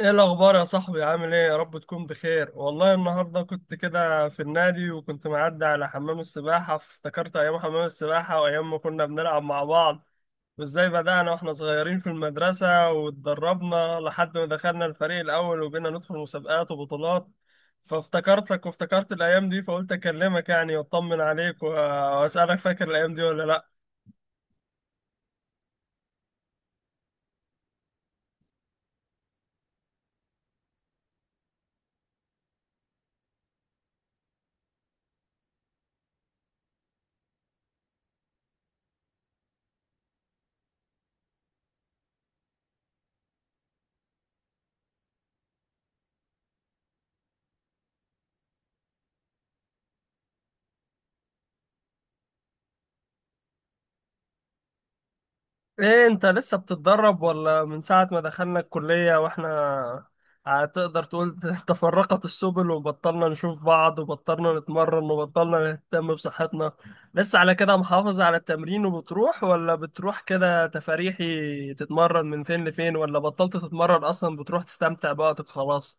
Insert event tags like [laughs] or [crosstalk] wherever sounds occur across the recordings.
ايه الاخبار يا صاحبي؟ عامل ايه؟ يا رب تكون بخير. والله النهارده كنت كده في النادي وكنت معدي على حمام السباحه، فافتكرت ايام حمام السباحه وايام ما كنا بنلعب مع بعض، وازاي بدأنا واحنا صغيرين في المدرسه واتدربنا لحد ما دخلنا الفريق الاول وبقينا ندخل مسابقات وبطولات. فافتكرتك وافتكرت الايام دي، فقلت اكلمك يعني واطمن عليك واسالك: فاكر الايام دي ولا لا؟ ايه، انت لسه بتتدرب ولا من ساعة ما دخلنا الكلية واحنا، هتقدر تقول [laughs] تفرقت السبل وبطلنا نشوف بعض وبطلنا نتمرن وبطلنا نهتم بصحتنا؟ لسه على كده محافظ على التمرين وبتروح، ولا بتروح كده تفاريحي تتمرن من فين لفين، ولا بطلت تتمرن اصلا بتروح تستمتع بوقتك خلاص؟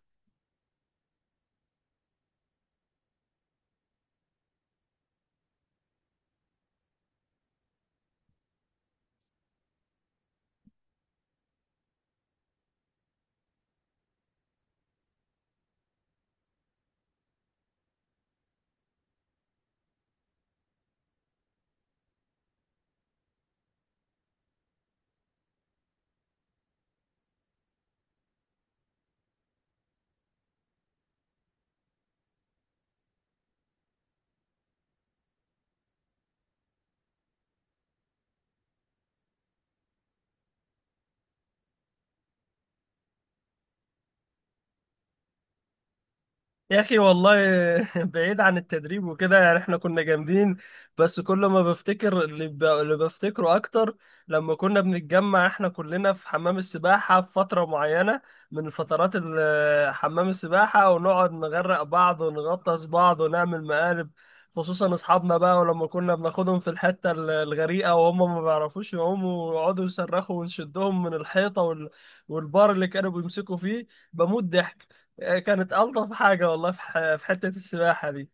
يا اخي والله [laughs] بعيد عن التدريب وكده، يعني احنا كنا جامدين. بس كل ما بفتكر اللي بفتكره اكتر، لما كنا بنتجمع احنا كلنا في حمام السباحة في فترة معينة من فترات حمام السباحة، ونقعد نغرق بعض ونغطس بعض ونعمل مقالب، خصوصا اصحابنا بقى. ولما كنا بناخدهم في الحتة الغريقة وهم ما بيعرفوش يعوموا، ويقعدوا يصرخوا ونشدهم من الحيطة والبار اللي كانوا بيمسكوا فيه، بموت ضحك. كانت ألطف حاجة والله، في في حتة السباحة دي.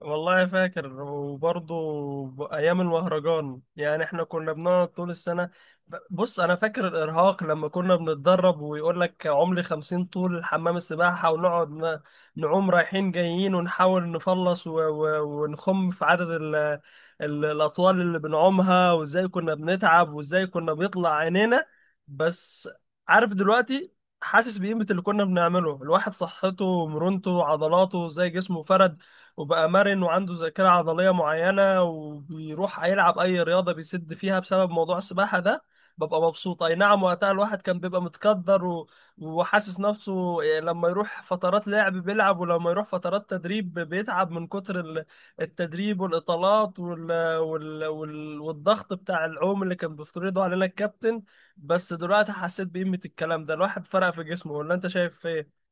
والله فاكر، وبرضه ايام المهرجان، يعني احنا كنا بنقعد طول السنه. بص، انا فاكر الارهاق لما كنا بنتدرب ويقول لك: عملي 50 طول حمام السباحه، ونقعد نعوم رايحين جايين ونحاول نخلص ونخم في عدد ال الاطوال اللي بنعومها، وازاي كنا بنتعب وازاي كنا بيطلع عينينا. بس عارف دلوقتي؟ حاسس بقيمة اللي كنا بنعمله. الواحد صحته ومرونته وعضلاته زي جسمه فرد، وبقى مرن وعنده ذاكرة عضلية معينة، وبيروح يلعب أي رياضة بيسد فيها بسبب موضوع السباحة ده، ببقى مبسوط. أي نعم وقتها الواحد كان بيبقى متقدر وحاسس نفسه، لما يروح فترات لعب بيلعب، ولما يروح فترات تدريب بيتعب من كتر التدريب والإطالات والضغط بتاع العوم اللي كان بيفترضه علينا الكابتن. بس دلوقتي حسيت بقيمة الكلام ده، الواحد فرق في جسمه، ولا أنت شايف إيه؟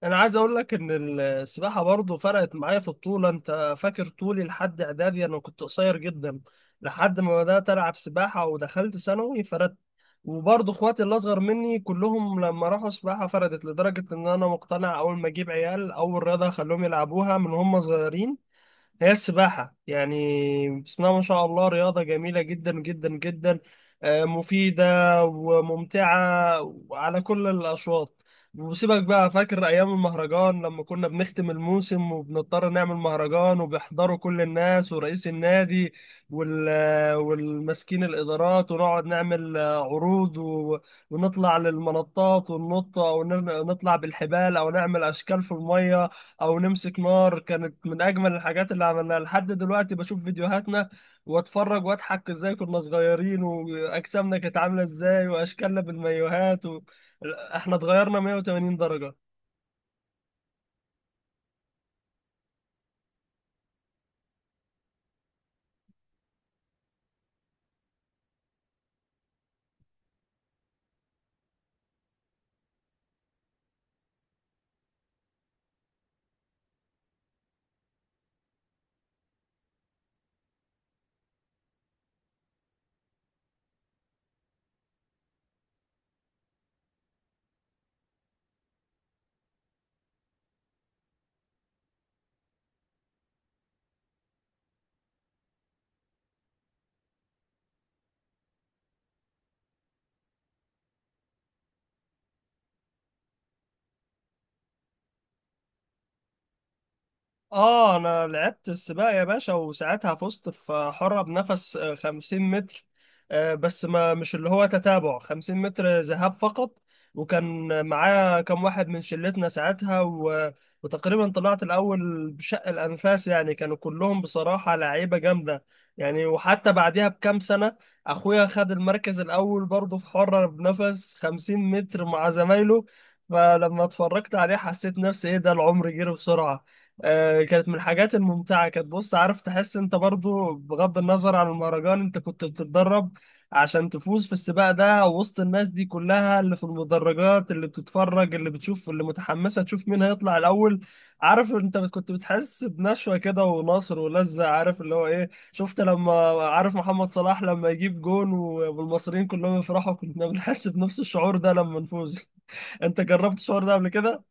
انا عايز اقول لك ان السباحه برضو فرقت معايا في الطول. انت فاكر طولي لحد اعدادي؟ انا كنت قصير جدا لحد ما بدات العب سباحه، ودخلت ثانوي فردت. وبرضو اخواتي اللي اصغر مني كلهم لما راحوا سباحه فردت، لدرجه ان انا مقتنع اول ما اجيب عيال اول رياضه هخليهم يلعبوها من هم صغيرين هي السباحة. يعني بسم الله ما شاء الله، رياضة جميلة جدا جدا جدا، مفيدة وممتعة وعلى كل الأشواط. وسيبك بقى، فاكر أيام المهرجان لما كنا بنختم الموسم وبنضطر نعمل مهرجان، وبيحضروا كل الناس ورئيس النادي وال والمسكين الإدارات، ونقعد نعمل عروض ونطلع للمنطات وننط، أو نطلع بالحبال، أو نعمل أشكال في المية، او نمسك نار؟ كانت من اجمل الحاجات اللي عملناها. لحد دلوقتي بشوف فيديوهاتنا واتفرج واضحك ازاي كنا صغيرين، واجسامنا كانت عامله ازاي، واشكالنا بالمايوهات احنا اتغيرنا 180 درجه. اه، انا لعبت السباق يا باشا، وساعتها فزت في حرة بنفس 50 متر. بس ما مش اللي هو تتابع، 50 متر ذهاب فقط. وكان معايا كم واحد من شلتنا ساعتها، وتقريبا طلعت الاول بشق الانفاس، يعني كانوا كلهم بصراحة لعيبة جامدة. يعني وحتى بعدها بكام سنة اخويا خد المركز الاول برضه في حرة بنفس 50 متر مع زمايله، فلما اتفرجت عليه حسيت نفسي: ايه ده العمر جري بسرعة! كانت من الحاجات الممتعة. كانت بص، عارف تحس انت برضو، بغض النظر عن المهرجان، انت كنت بتتدرب عشان تفوز في السباق ده وسط الناس دي كلها اللي في المدرجات، اللي بتتفرج، اللي بتشوف، اللي متحمسة تشوف مين هيطلع الأول. عارف انت كنت بتحس بنشوة كده ونصر ولذة، عارف اللي هو ايه؟ شفت لما، عارف محمد صلاح لما يجيب جون والمصريين كلهم يفرحوا؟ كنا بنحس بنفس الشعور ده لما نفوز. [laughs] انت جربت الشعور ده قبل كده؟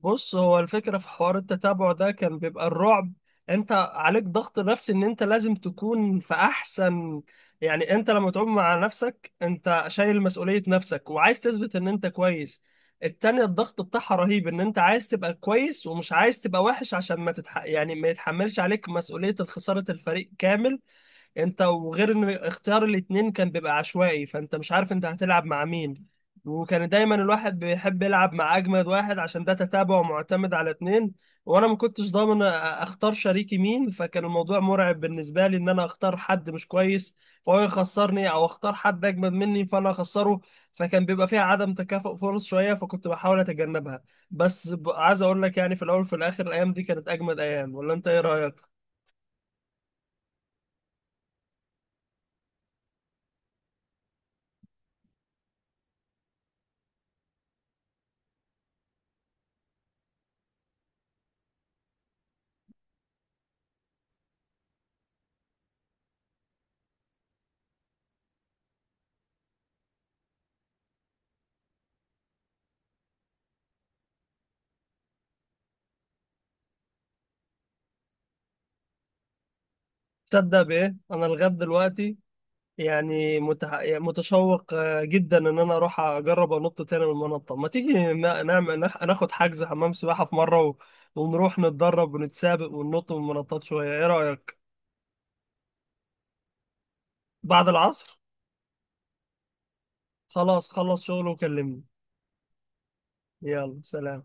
بص، هو الفكرة في حوار التتابع ده كان بيبقى الرعب، انت عليك ضغط نفسي ان انت لازم تكون في احسن. يعني انت لما تعوم مع نفسك، انت شايل مسؤولية نفسك وعايز تثبت ان انت كويس. التانية الضغط بتاعها رهيب، ان انت عايز تبقى كويس ومش عايز تبقى وحش عشان ما يعني ما يتحملش عليك مسؤولية خسارة الفريق كامل. انت وغير ان اختيار الاتنين كان بيبقى عشوائي، فانت مش عارف انت هتلعب مع مين، وكان دايما الواحد بيحب يلعب مع اجمد واحد عشان ده تتابع ومعتمد على اتنين. وانا ما كنتش ضامن اختار شريكي مين، فكان الموضوع مرعب بالنسبه لي ان انا اختار حد مش كويس فهو يخسرني، او اختار حد اجمد مني فانا اخسره. فكان بيبقى فيها عدم تكافؤ فرص شويه، فكنت بحاول اتجنبها. بس عايز اقول لك، يعني في الاول وفي الاخر الايام دي كانت اجمد ايام، ولا انت ايه رايك؟ تصدق بايه؟ انا لغايه دلوقتي يعني يعني متشوق جدا ان انا اروح اجرب انط تاني من المنطقه. ما تيجي نعمل ناخد حجز حمام سباحه في مره، ونروح نتدرب ونتسابق وننط من المنطات شويه؟ ايه رايك؟ بعد العصر. خلاص، خلص شغل وكلمني. يلا، سلام.